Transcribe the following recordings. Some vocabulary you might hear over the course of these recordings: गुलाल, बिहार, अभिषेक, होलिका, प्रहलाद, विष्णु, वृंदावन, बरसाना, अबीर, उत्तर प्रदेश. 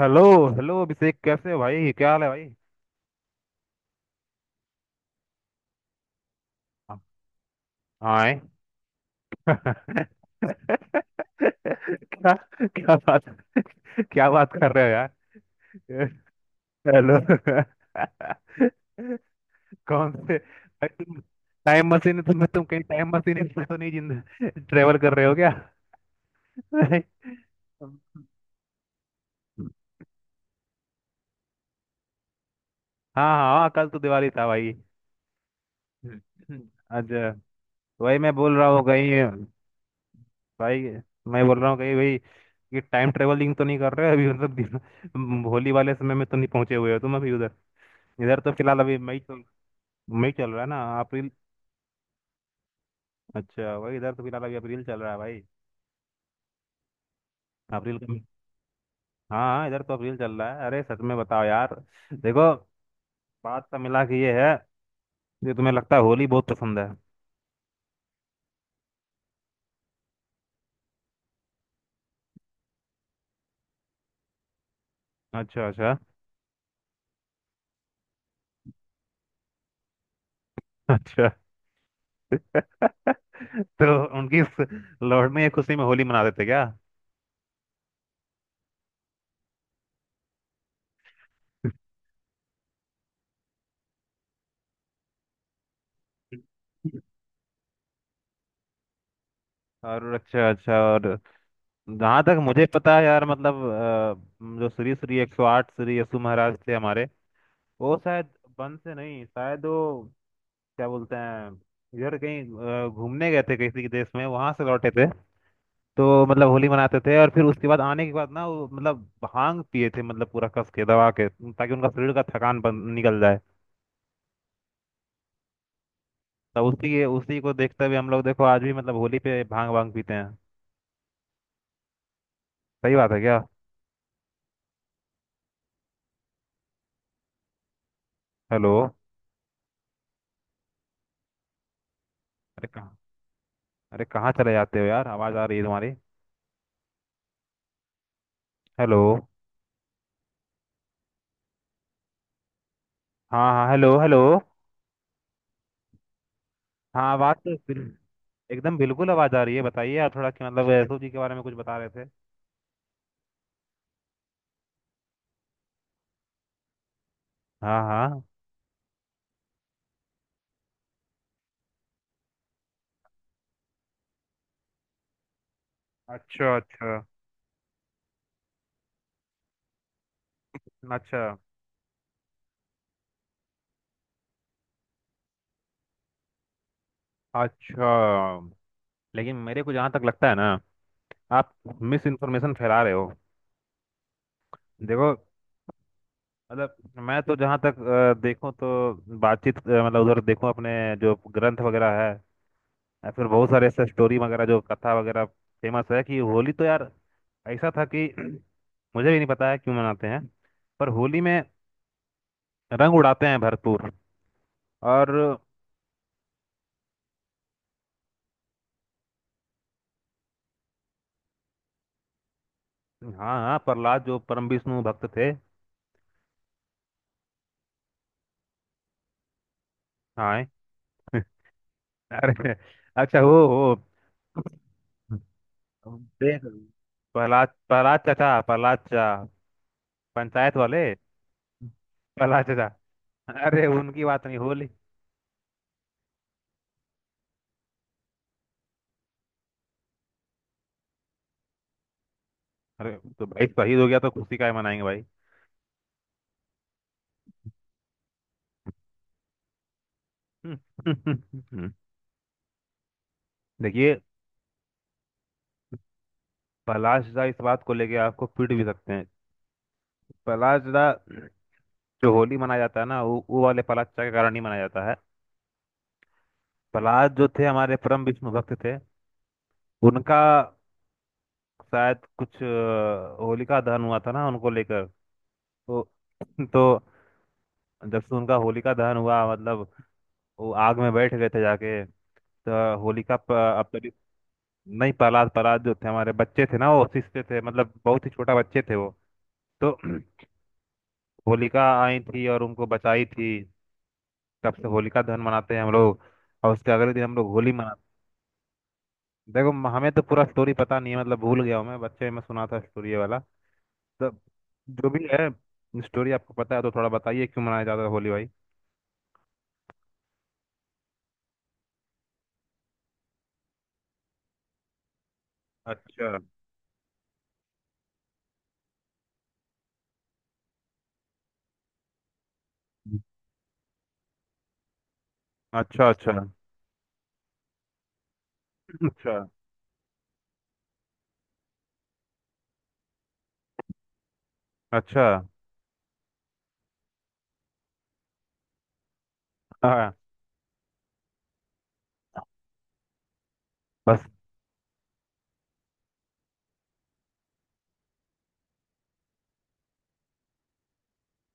Hello. Hello अभिषेक, कैसे हो भाई? क्या हाल है भाई? हाँ। हाँ, है। क्या? क्या बात क्या बात कर रहे हो यार? हेलो। कौन से भाई तुम? टाइम मशीन, तुम कहीं टाइम मशीन में तो नहीं, जिंदा ट्रेवल कर रहे हो क्या? हाँ। हाँ, हाँ, कल तो दिवाली था भाई। अच्छा, वही मैं बोल रहा हूँ कहीं भाई, मैं बोल रहा हूँ कहीं भाई, ये टाइम ट्रेवलिंग तो नहीं कर रहे हो अभी? मतलब होली वाले समय में तो नहीं पहुंचे हुए हो तुम अभी? इधर तो फिलहाल अभी मई चल रहा है ना? अप्रैल। अच्छा, वही इधर तो फिलहाल अभी अप्रैल चल रहा है भाई। अप्रैल का- हाँ, हाँ, इधर तो अप्रैल चल रहा है। अरे सच में बताओ यार। देखो, बात का मिला कि ये है, ये तुम्हें लगता है होली बहुत पसंद है? अच्छा, अच्छा, अच्छा। तो उनकी इस लौटने की खुशी में होली मना देते क्या? और अच्छा, अच्छा। और जहाँ तक मुझे पता है यार, मतलब जो श्री श्री 108 श्री यशु महाराज थे हमारे, वो शायद बन से नहीं, शायद वो, क्या बोलते हैं, इधर कहीं घूमने गए थे किसी के देश में, वहां से लौटे थे। तो मतलब होली मनाते थे और फिर उसके बाद आने के बाद ना वो मतलब भांग पिए थे, मतलब पूरा कस के दबा के, ताकि उनका शरीर का थकान निकल जाए। तो उसी के उसी को देखते हुए हम लोग, देखो आज भी मतलब होली पे भांग वांग पीते हैं। सही बात है क्या? हेलो। अरे कहाँ? अरे कहाँ चले जाते हो यार? आवाज आ रही है तुम्हारी। हेलो। हाँ, हाँ, हेलो, हेलो। हाँ, आवाज तो एकदम बिल्कुल आवाज आ रही है। बताइए आप थोड़ा कि मतलब सोची के बारे में कुछ बता रहे थे। हाँ, हाँ। अच्छा, अच्छा। अच्छा, अच्छा। लेकिन मेरे को जहाँ तक लगता है ना, आप मिस इन्फॉर्मेशन फैला रहे हो। देखो, मतलब मैं तो जहाँ तक देखूं तो, बातचीत, मतलब उधर देखूं अपने, जो ग्रंथ वगैरह है या फिर बहुत सारे ऐसे स्टोरी वगैरह, जो कथा वगैरह फेमस है कि होली तो यार ऐसा था कि मुझे भी नहीं पता है क्यों मनाते हैं। पर होली में रंग उड़ाते हैं भरपूर। और हाँ, हाँ, प्रहलाद जो परम विष्णु भक्त थे। हाँ। अरे, अच्छा। वो, वो देख, प्रहलाद प्रहलाद चाचा, प्रहलाद चाचा पंचायत वाले। प्रहलाद चाचा? अरे, उनकी बात नहीं, होली। अरे, तो भाई शहीद हो गया तो खुशी काहे मनाएंगे भाई? देखिए, प्रहलाद चाचा इस बात को लेके आपको पीट भी सकते हैं। प्रहलाद चाचा, जो होली मनाया जाता है ना, वो वाले प्रहलाद चाचा के कारण ही मनाया जाता है। प्रहलाद जो थे हमारे, परम विष्णु भक्त थे। उनका शायद कुछ होलिका दहन हुआ था ना उनको लेकर। तो तो जब से उनका होलिका दहन हुआ मतलब, वो आग में बैठ गए थे जाके। तो अब तभी, नहीं, प्रहलाद प्रहलाद जो थे हमारे बच्चे थे ना, वो शिशते थे, मतलब बहुत ही छोटा बच्चे थे वो। तो होलिका आई थी और उनको बचाई थी। तब से होलिका दहन मनाते हैं हम लोग और उसके अगले दिन हम लोग होली मनाते हैं। देखो, हमें तो पूरा स्टोरी पता नहीं है, मतलब भूल गया हूँ। मैं बच्चे में सुना था स्टोरी ये वाला। तो जो भी है, स्टोरी आपको पता है तो थोड़ा बताइए क्यों मनाया जाता है होली भाई। अच्छा, अच्छा, अच्छा, अच्छा, अच्छा। हाँ। बस।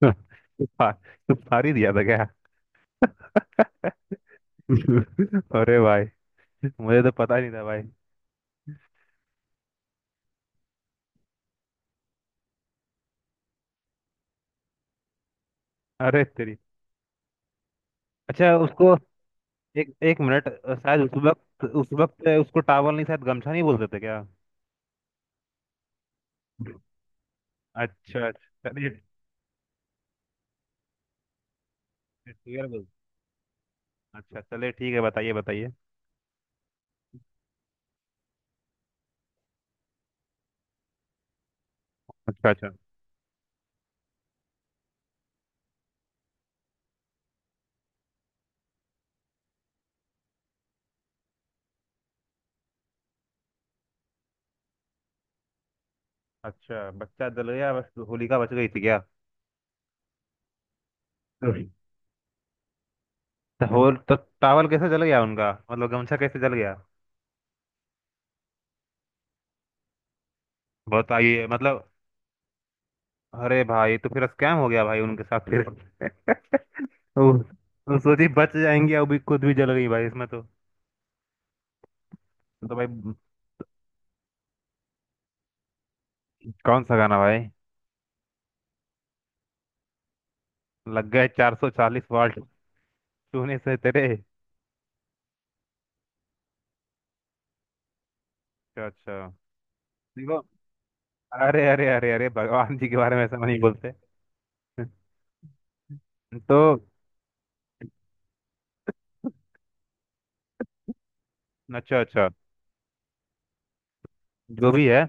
हाँ, तू फारी दिया था क्या? अरे भाई, मुझे तो पता ही नहीं था भाई। अरे तेरी। अच्छा, उसको एक एक मिनट, शायद उस वक्त उसको टावल नहीं शायद गमछा नहीं बोलते थे क्या? अच्छा, अच्छा, चलिए। ठीक है बोल। अच्छा, चलिए ठीक है, बताइए, बताइए। अच्छा, अच्छा। अच्छा बच्चा जल गया, बस होलिका बच गई थी क्या? तो होल तो टावल कैसे जल गया उनका, मतलब गमछा कैसे जल गया? बताइए मतलब। अरे भाई, तो फिर स्कैम हो गया भाई उनके साथ फिर। वो, सोची बच जाएंगे, अभी खुद भी जल गई भाई इसमें तो। तो भाई, कौन सा गाना भाई? लग गए 440 वाट, छूने से तेरे। अच्छा, अच्छा। देखो, अरे अरे अरे अरे, भगवान जी के बारे में ऐसा नहीं बोलते। तो अच्छा, अच्छा, जो भी है।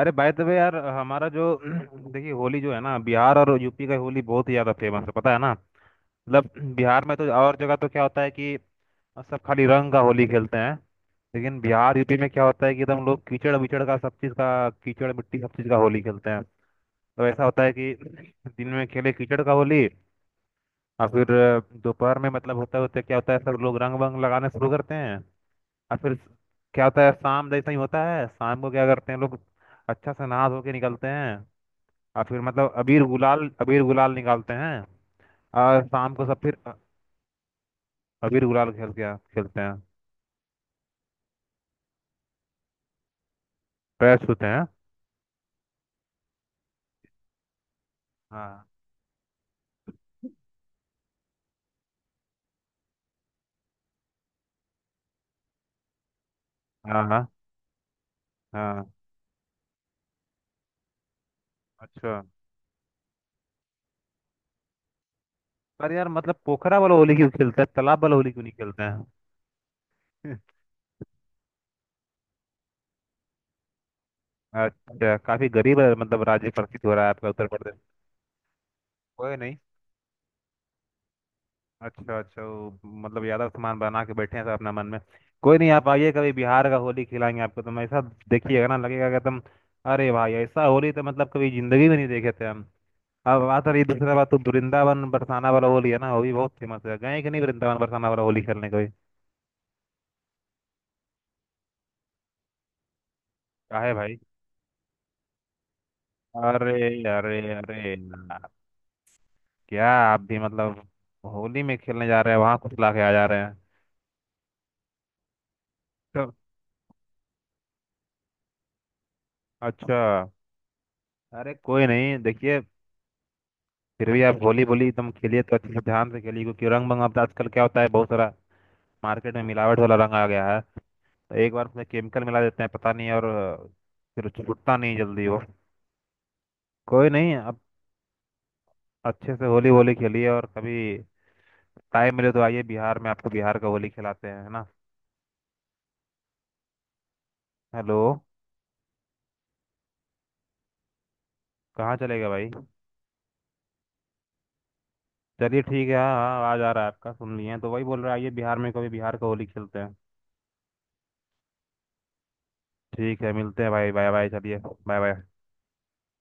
अरे बाय द वे यार, हमारा जो देखिए होली जो है ना, बिहार और यूपी का होली बहुत ही ज्यादा फेमस है पता है ना? मतलब बिहार में तो और जगह तो क्या होता है कि और सब खाली रंग का होली खेलते हैं, लेकिन बिहार यूपी में क्या होता है कि एकदम लोग कीचड़ विचड़ का, सब चीज़ का, कीचड़ मिट्टी सब चीज़ का होली खेलते हैं। तो ऐसा होता है कि दिन में खेले कीचड़ का होली, और फिर दोपहर में मतलब, होता होता क्या होता है, सब लोग रंग वंग लगाने शुरू करते हैं। और फिर क्या होता है, शाम जैसा ही होता है, शाम को क्या करते हैं लोग, अच्छा से नहा धो के निकलते हैं, और फिर मतलब अबीर गुलाल, अबीर गुलाल निकालते हैं, और शाम को सब फिर अबीर गुलाल खेल के खेलते हैं, पैर छूते हैं। हाँ, हाँ, हाँ, हाँ। अच्छा पर यार, मतलब पोखरा वाला होली क्यों खेलते हैं, तालाब वाला होली क्यों नहीं खेलते हैं? अच्छा, काफी गरीब है मतलब, राज्य प्रतीत हो रहा है आपका उत्तर प्रदेश। कोई नहीं। अच्छा, अच्छा, वो मतलब यादव सामान बना के बैठे हैं सब अपना मन में। कोई नहीं, आप आइए कभी, बिहार का होली खिलाएंगे आपको, तो ऐसा देखिएगा ना, लगेगा कि एकदम, अरे भाई ऐसा होली तो मतलब कभी जिंदगी में नहीं देखे थे हम। अब बात रही दूसरा बात, तो वृंदावन बरसाना वाला होली है ना, वो भी बहुत फेमस है। गए कि नहीं वृंदावन बरसाना वाला होली खेलने कभी? काहे भाई? अरे, अरे, अरे। क्या आप भी मतलब होली में खेलने जा रहे हैं वहां, कुछ ला के आ जा रहे हैं? तो- अच्छा, अरे कोई नहीं देखिए, फिर भी आप होली बोली एकदम खेलिए तो अच्छे से ध्यान से खेलिए, क्योंकि रंग मंग अब आजकल क्या होता है, बहुत सारा मार्केट में मिलावट वाला रंग आ गया है। तो एक बार उसमें केमिकल मिला देते हैं पता नहीं, और फिर छूटता नहीं जल्दी वो। कोई नहीं, आप अच्छे से होली वोली खेलिए, और कभी टाइम मिले तो आइए बिहार में, आपको बिहार का होली खिलाते हैं, है ना? हेलो। कहाँ चलेगा भाई? चलिए ठीक है, हाँ, हाँ, आवाज आ रहा है आपका, सुन लिए हैं, तो वही बोल रहा है, आइए बिहार में कभी, बिहार का होली खेलते हैं। ठीक है मिलते हैं भाई, बाय बाय, चलिए। Bye bye.